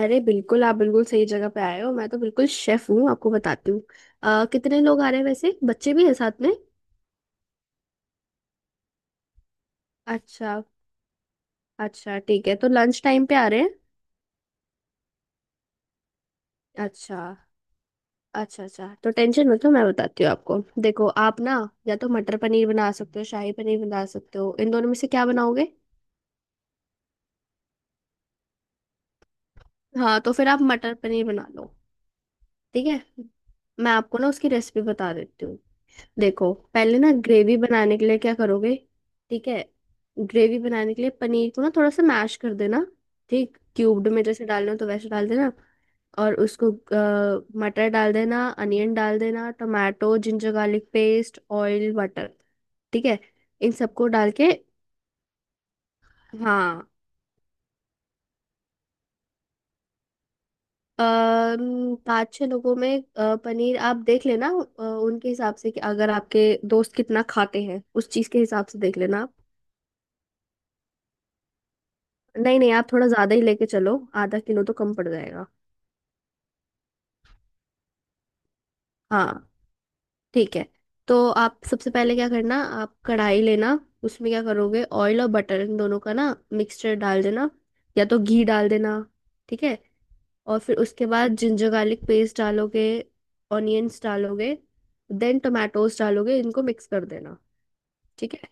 अरे बिल्कुल, आप बिल्कुल सही जगह पे आए हो। मैं तो बिल्कुल शेफ हूँ, आपको बताती हूँ। कितने लोग आ रहे हैं वैसे? बच्चे भी हैं साथ में? अच्छा। अच्छा ठीक है, तो लंच टाइम पे आ रहे हैं। अच्छा। अच्छा अच्छा, तो टेंशन मत लो, मैं बताती हूँ आपको। देखो, आप ना या तो मटर पनीर बना सकते हो, शाही पनीर बना सकते हो। इन दोनों में से क्या बनाओगे? हाँ, तो फिर आप मटर पनीर बना लो। ठीक है, मैं आपको ना उसकी रेसिपी बता देती हूँ। देखो, पहले ना ग्रेवी बनाने के लिए क्या करोगे। ठीक है, ग्रेवी बनाने के लिए पनीर को ना थोड़ा सा मैश कर देना। ठीक, क्यूब्ड में जैसे डालना हो तो वैसे डाल देना। और उसको मटर डाल देना, अनियन डाल देना, tomato, ginger garlic paste, oil, butter. ठीक है, इन सबको डाल के। हाँ, 5 6 लोगों में पनीर आप देख लेना, उनके हिसाब से कि अगर आपके दोस्त कितना खाते हैं उस चीज के हिसाब से देख लेना। नहीं नहीं, आप थोड़ा ज्यादा ही लेके चलो, आधा किलो तो कम पड़ जाएगा। हाँ, ठीक है। तो आप सबसे पहले क्या करना, आप कढ़ाई लेना, उसमें क्या करोगे, ऑयल और बटर इन दोनों का ना मिक्सचर डाल देना, या तो घी डाल देना। ठीक है। और फिर उसके बाद जिंजर गार्लिक पेस्ट डालोगे, ऑनियंस डालोगे, देन टोमेटोज डालोगे, इनको मिक्स कर देना। ठीक है।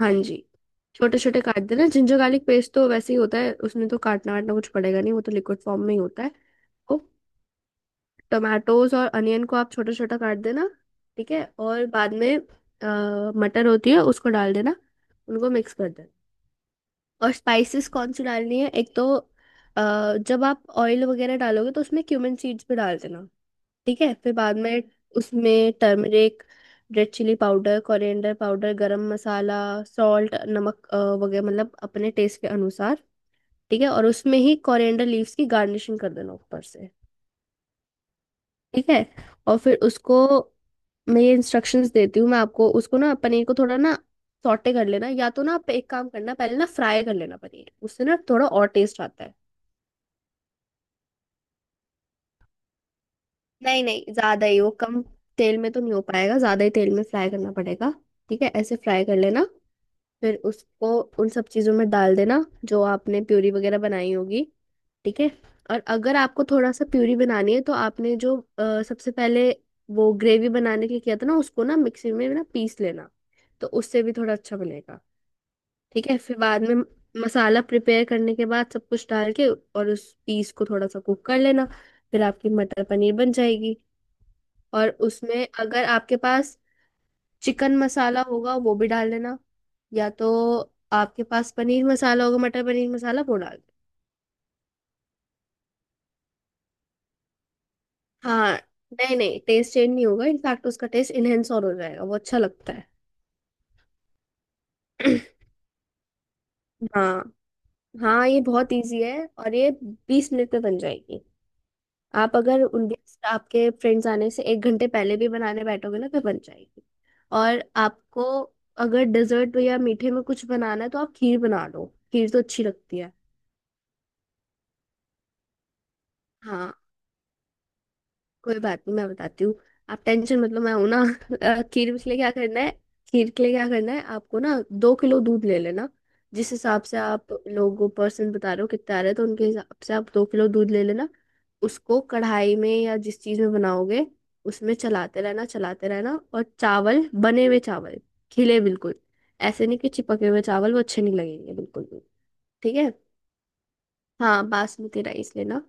हाँ जी, छोटे छोटे काट देना। जिंजर गार्लिक पेस्ट तो वैसे ही होता है, उसमें तो काटना वाटना कुछ पड़ेगा नहीं, वो तो लिक्विड फॉर्म में ही होता है। तो टोमेटोज और अनियन को आप छोटा छोटा काट देना। ठीक है, और बाद में मटर होती है उसको डाल देना, उनको मिक्स कर देना। और स्पाइसेस कौन सी डालनी है, एक तो जब आप ऑयल वगैरह डालोगे तो उसमें क्यूमिन सीड्स भी डाल देना। ठीक है, फिर बाद में उसमें turmeric, red chilli powder, coriander powder, garam masala, salt, नमक वगैरह, मतलब अपने टेस्ट के अनुसार। ठीक है, और उसमें ही कोरिएंडर लीव्स की गार्निशिंग कर देना ऊपर से। ठीक है। और फिर उसको, मैं ये इंस्ट्रक्शंस देती हूँ मैं आपको, उसको ना पनीर को थोड़ा ना सॉटे कर लेना, या तो ना आप एक काम करना, पहले ना फ्राई कर लेना पनीर, उससे ना थोड़ा और टेस्ट आता है। नहीं नहीं, ज्यादा ही, वो कम तेल में तो नहीं हो पाएगा, ज्यादा ही तेल में फ्राई करना पड़ेगा। ठीक है, ऐसे फ्राई कर लेना। फिर उसको उन सब चीजों में डाल देना जो आपने प्यूरी वगैरह बनाई होगी। ठीक है। और अगर आपको थोड़ा सा प्यूरी बनानी है, तो आपने जो सबसे पहले वो ग्रेवी बनाने के लिए किया था ना, उसको ना मिक्सी में ना पीस लेना, तो उससे भी थोड़ा अच्छा बनेगा। ठीक है, फिर बाद में मसाला प्रिपेयर करने के बाद सब कुछ डाल के और उस पीस को थोड़ा सा कुक कर लेना, फिर आपकी मटर पनीर बन जाएगी। और उसमें अगर आपके पास चिकन मसाला होगा वो भी डाल लेना, या तो आपके पास पनीर मसाला होगा, मटर पनीर मसाला, वो डाल देना। हाँ, नहीं नहीं, टेस्ट चेंज नहीं होगा, इनफैक्ट उसका टेस्ट इनहेंस और हो जाएगा, वो अच्छा लगता है। हाँ। हाँ, ये बहुत इजी है, और ये 20 मिनट में बन जाएगी। आप अगर उनके, आपके फ्रेंड्स आने से 1 घंटे पहले भी बनाने बैठोगे ना, फिर बन जाएगी। और आपको अगर डेजर्ट या मीठे में कुछ बनाना है, तो आप खीर बना लो, खीर तो अच्छी लगती है। हाँ, कोई बात नहीं, मैं बताती हूँ। आप टेंशन, मतलब मैं हूं ना। खीर के लिए क्या करना है, खीर के लिए क्या करना है, आपको ना 2 किलो दूध ले लेना। जिस हिसाब से आप लोगों पर्सन बता रहे हो कितना आ रहा है, तो उनके हिसाब से आप 2 किलो दूध ले लेना। उसको कढ़ाई में या जिस चीज में बनाओगे, उसमें चलाते रहना, चलाते रहना। और चावल, बने हुए चावल, खिले बिल्कुल, ऐसे नहीं कि चिपके हुए चावल, वो अच्छे नहीं लगेंगे बिल्कुल भी। ठीक है। हाँ, बासमती राइस लेना,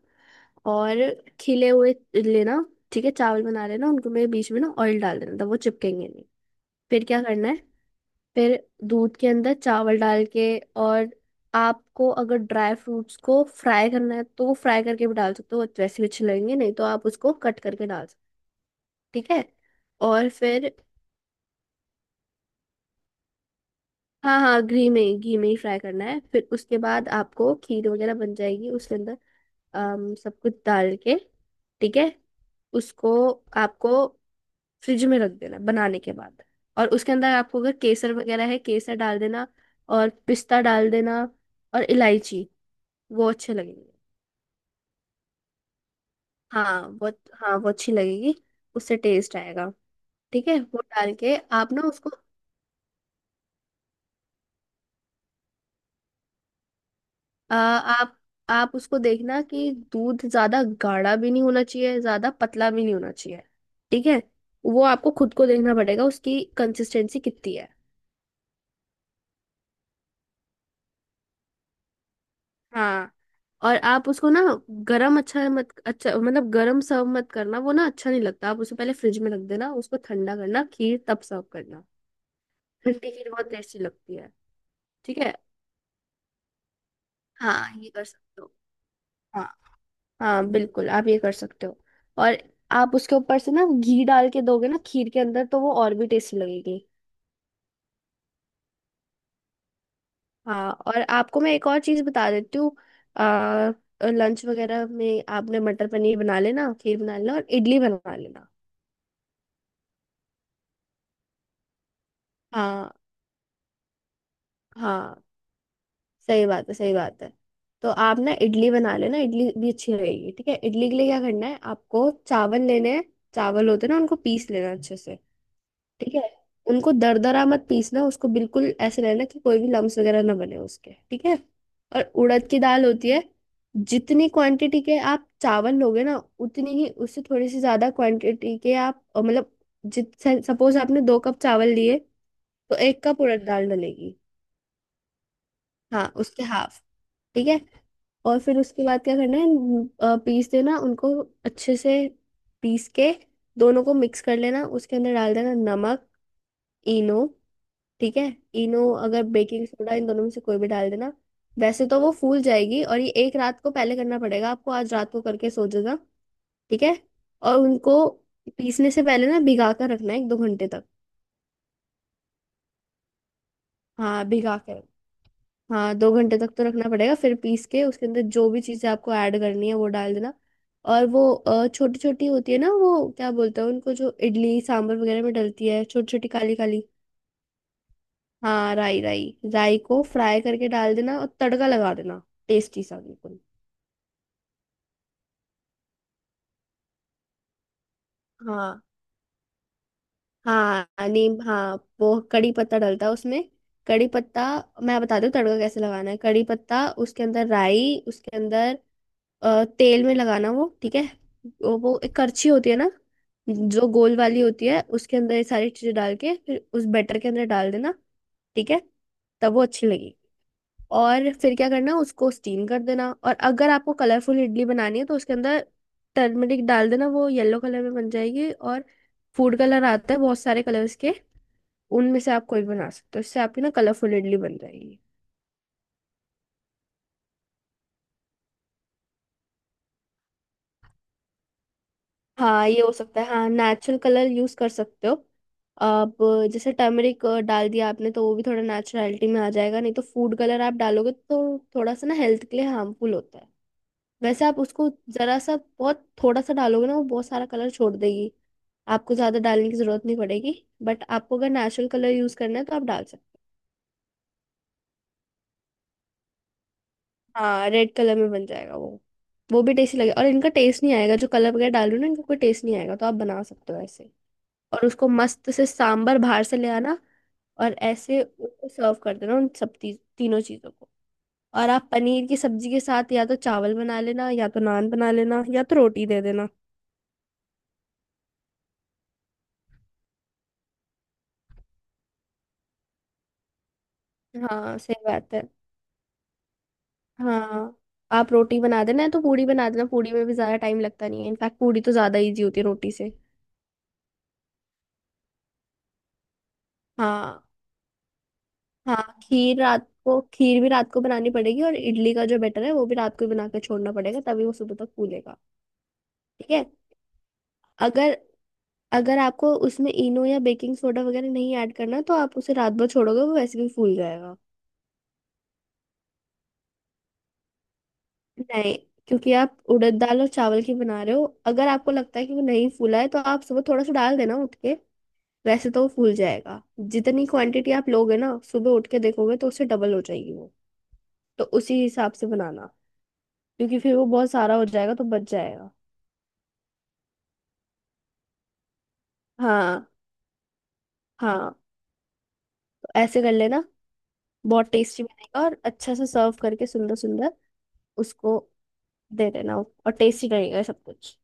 और खिले हुए लेना। ठीक है, चावल बना लेना, उनको में बीच में ना ऑयल डाल देना, तब वो चिपकेंगे नहीं। फिर क्या करना है, फिर दूध के अंदर चावल डाल के, और आपको अगर ड्राई फ्रूट्स को फ्राई करना है, तो वो फ्राई करके भी डाल सकते हो, वो वैसे भी अच्छे लगेंगे, नहीं तो आप उसको कट करके डाल सकते हो, ठीक है। और फिर हाँ हाँ, घी में ही फ्राई करना है, फिर उसके बाद आपको खीर वगैरह बन जाएगी उसके अंदर सब कुछ डाल के। ठीक है, उसको आपको फ्रिज में रख देना बनाने के बाद। और उसके अंदर आपको अगर केसर वगैरह है, केसर डाल देना, और पिस्ता डाल देना, और इलायची, वो अच्छे लगेंगे। हाँ, वो हाँ, वो अच्छी लगेगी, उससे टेस्ट आएगा। ठीक है, वो डाल के आप ना उसको, आ, आप उसको देखना कि दूध ज्यादा गाढ़ा भी नहीं होना चाहिए, ज्यादा पतला भी नहीं होना चाहिए। ठीक है, वो आपको खुद को देखना पड़ेगा उसकी कंसिस्टेंसी कितनी है। हाँ, और आप उसको ना गरम, अच्छा मत अच्छा मतलब गरम सर्व मत करना, वो ना अच्छा नहीं लगता। आप उसे पहले फ्रिज में रख देना, उसको ठंडा करना, खीर तब सर्व करना, ठंडी खीर बहुत टेस्टी लगती है। ठीक है, हाँ, ये कर सकते हो। हाँ हाँ, बिल्कुल आप ये कर सकते हो। और आप उसके ऊपर से ना घी डाल के दोगे ना खीर के अंदर, तो वो और भी टेस्टी लगेगी। हाँ, और आपको मैं एक और चीज़ बता देती हूँ। आ, लंच वगैरह में आपने मटर पनीर बना लेना, खीर बना लेना, और इडली बना लेना। हाँ। हाँ, सही बात है, सही बात है। तो आप ना इडली बना लेना, इडली भी अच्छी रहेगी। ठीक है, इडली के लिए क्या करना है, आपको चावल लेने हैं, चावल होते हैं ना, उनको पीस लेना अच्छे से। ठीक है, उनको दरदरा मत पीसना, उसको बिल्कुल ऐसे रहना कि कोई भी लम्स वगैरह ना बने उसके। ठीक है, और उड़द की दाल होती है, जितनी क्वांटिटी के आप चावल लोगे ना, उतनी ही, उससे थोड़ी सी ज्यादा क्वांटिटी के आप मतलब जित सपोज आपने 2 कप चावल लिए, तो 1 कप उड़द दाल डलेगी। हाँ, उसके हाफ। ठीक है, और फिर उसके बाद क्या करना है, पीस देना उनको अच्छे से, पीस के दोनों को मिक्स कर लेना, उसके अंदर डाल देना नमक, इनो। ठीक है, इनो अगर बेकिंग सोडा, इन दोनों में से कोई भी डाल देना, वैसे तो वो फूल जाएगी। और ये एक रात को पहले करना पड़ेगा आपको, आज रात को करके सो जाना। ठीक है, और उनको पीसने से पहले ना भिगा कर रखना है 1 2 घंटे तक। हाँ, भिगा के, हाँ, 2 घंटे तक तो रखना पड़ेगा, फिर पीस के उसके अंदर जो भी चीज़ें आपको ऐड करनी है वो डाल देना। और वो छोटी छोटी होती है ना, वो क्या बोलते हैं उनको, जो इडली सांभर वगैरह में डलती है, छोटी छोटी काली काली। हाँ, राई राई। राई को फ्राई करके डाल देना और तड़का लगा देना, टेस्टी सा बिल्कुल। हाँ हाँ, नीम, हाँ, वो कड़ी पत्ता डलता है उसमें, कड़ी पत्ता। मैं बताती हूँ तड़का कैसे लगाना है। कड़ी पत्ता उसके अंदर, राई उसके अंदर, तेल में लगाना वो, ठीक है। वो एक करछी होती है ना, जो गोल वाली होती है, उसके अंदर ये सारी चीजें डाल के फिर उस बैटर के अंदर डाल देना। ठीक है, तब वो अच्छी लगेगी। और फिर क्या करना, उसको स्टीम कर देना। और अगर आपको कलरफुल इडली बनानी है, तो उसके अंदर टर्मरिक डाल देना, वो येलो कलर में बन जाएगी। और फूड कलर आता है, बहुत सारे कलर्स के, उनमें से आप कोई भी बना सकते हो, इससे आपकी ना कलरफुल इडली बन जाएगी। हाँ, ये हो सकता है, हाँ, नेचुरल कलर यूज कर सकते हो आप। जैसे टर्मरिक डाल दिया आपने तो वो भी थोड़ा नेचुरलिटी में आ जाएगा, नहीं तो फूड कलर आप डालोगे तो थोड़ा सा ना हेल्थ के लिए हार्मफुल होता है। वैसे आप उसको जरा सा, बहुत थोड़ा सा डालोगे ना, वो बहुत सारा कलर छोड़ देगी, आपको ज्यादा डालने की जरूरत नहीं पड़ेगी, बट आपको अगर नेचुरल कलर यूज करना है तो आप डाल सकते हो। हाँ, रेड कलर में बन जाएगा वो भी टेस्टी लगेगा, और इनका टेस्ट नहीं आएगा, जो कलर वगैरह डाल रही हो ना इनका कोई टेस्ट नहीं आएगा, तो आप बना सकते हो ऐसे। और उसको मस्त से सांबर बाहर से ले आना, और ऐसे उसको सर्व कर देना उन सब तीनों चीजों को। और आप पनीर की सब्जी के साथ या तो चावल बना लेना, या तो नान बना लेना, या तो रोटी दे देना। हाँ, सही बात है। हाँ, आप रोटी बना देना, या तो पूड़ी बना देना, पूड़ी में भी ज्यादा टाइम लगता नहीं है, इनफैक्ट पूड़ी तो ज्यादा इजी होती है रोटी से। हाँ। हाँ, खीर, रात को खीर भी रात को बनानी पड़ेगी, और इडली का जो बैटर है वो भी रात को ही बना के छोड़ना पड़ेगा, तभी वो सुबह तक फूलेगा। ठीक है। अगर अगर आपको उसमें इनो या बेकिंग सोडा वगैरह नहीं ऐड करना, तो आप उसे रात भर छोड़ोगे वो वैसे भी फूल जाएगा। नहीं, क्योंकि आप उड़द दाल और चावल की बना रहे हो, अगर आपको लगता है कि वो नहीं फूला है तो आप सुबह थोड़ा सा डाल देना उठ के, वैसे तो वो फूल जाएगा। जितनी क्वांटिटी आप लोगे ना, सुबह उठ के देखोगे तो उससे डबल हो जाएगी वो, तो उसी हिसाब से बनाना, क्योंकि फिर वो बहुत सारा हो जाएगा तो बच जाएगा। हाँ। हाँ, तो ऐसे कर लेना, बहुत टेस्टी बनेगा। और अच्छा से सर्व करके, सुंदर सुंदर उसको दे देना, और टेस्टी रहेगा सब कुछ।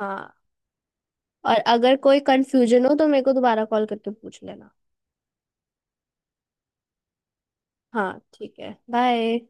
हाँ, और अगर कोई कंफ्यूजन हो तो मेरे को दोबारा कॉल करके पूछ लेना। हाँ ठीक है, बाय।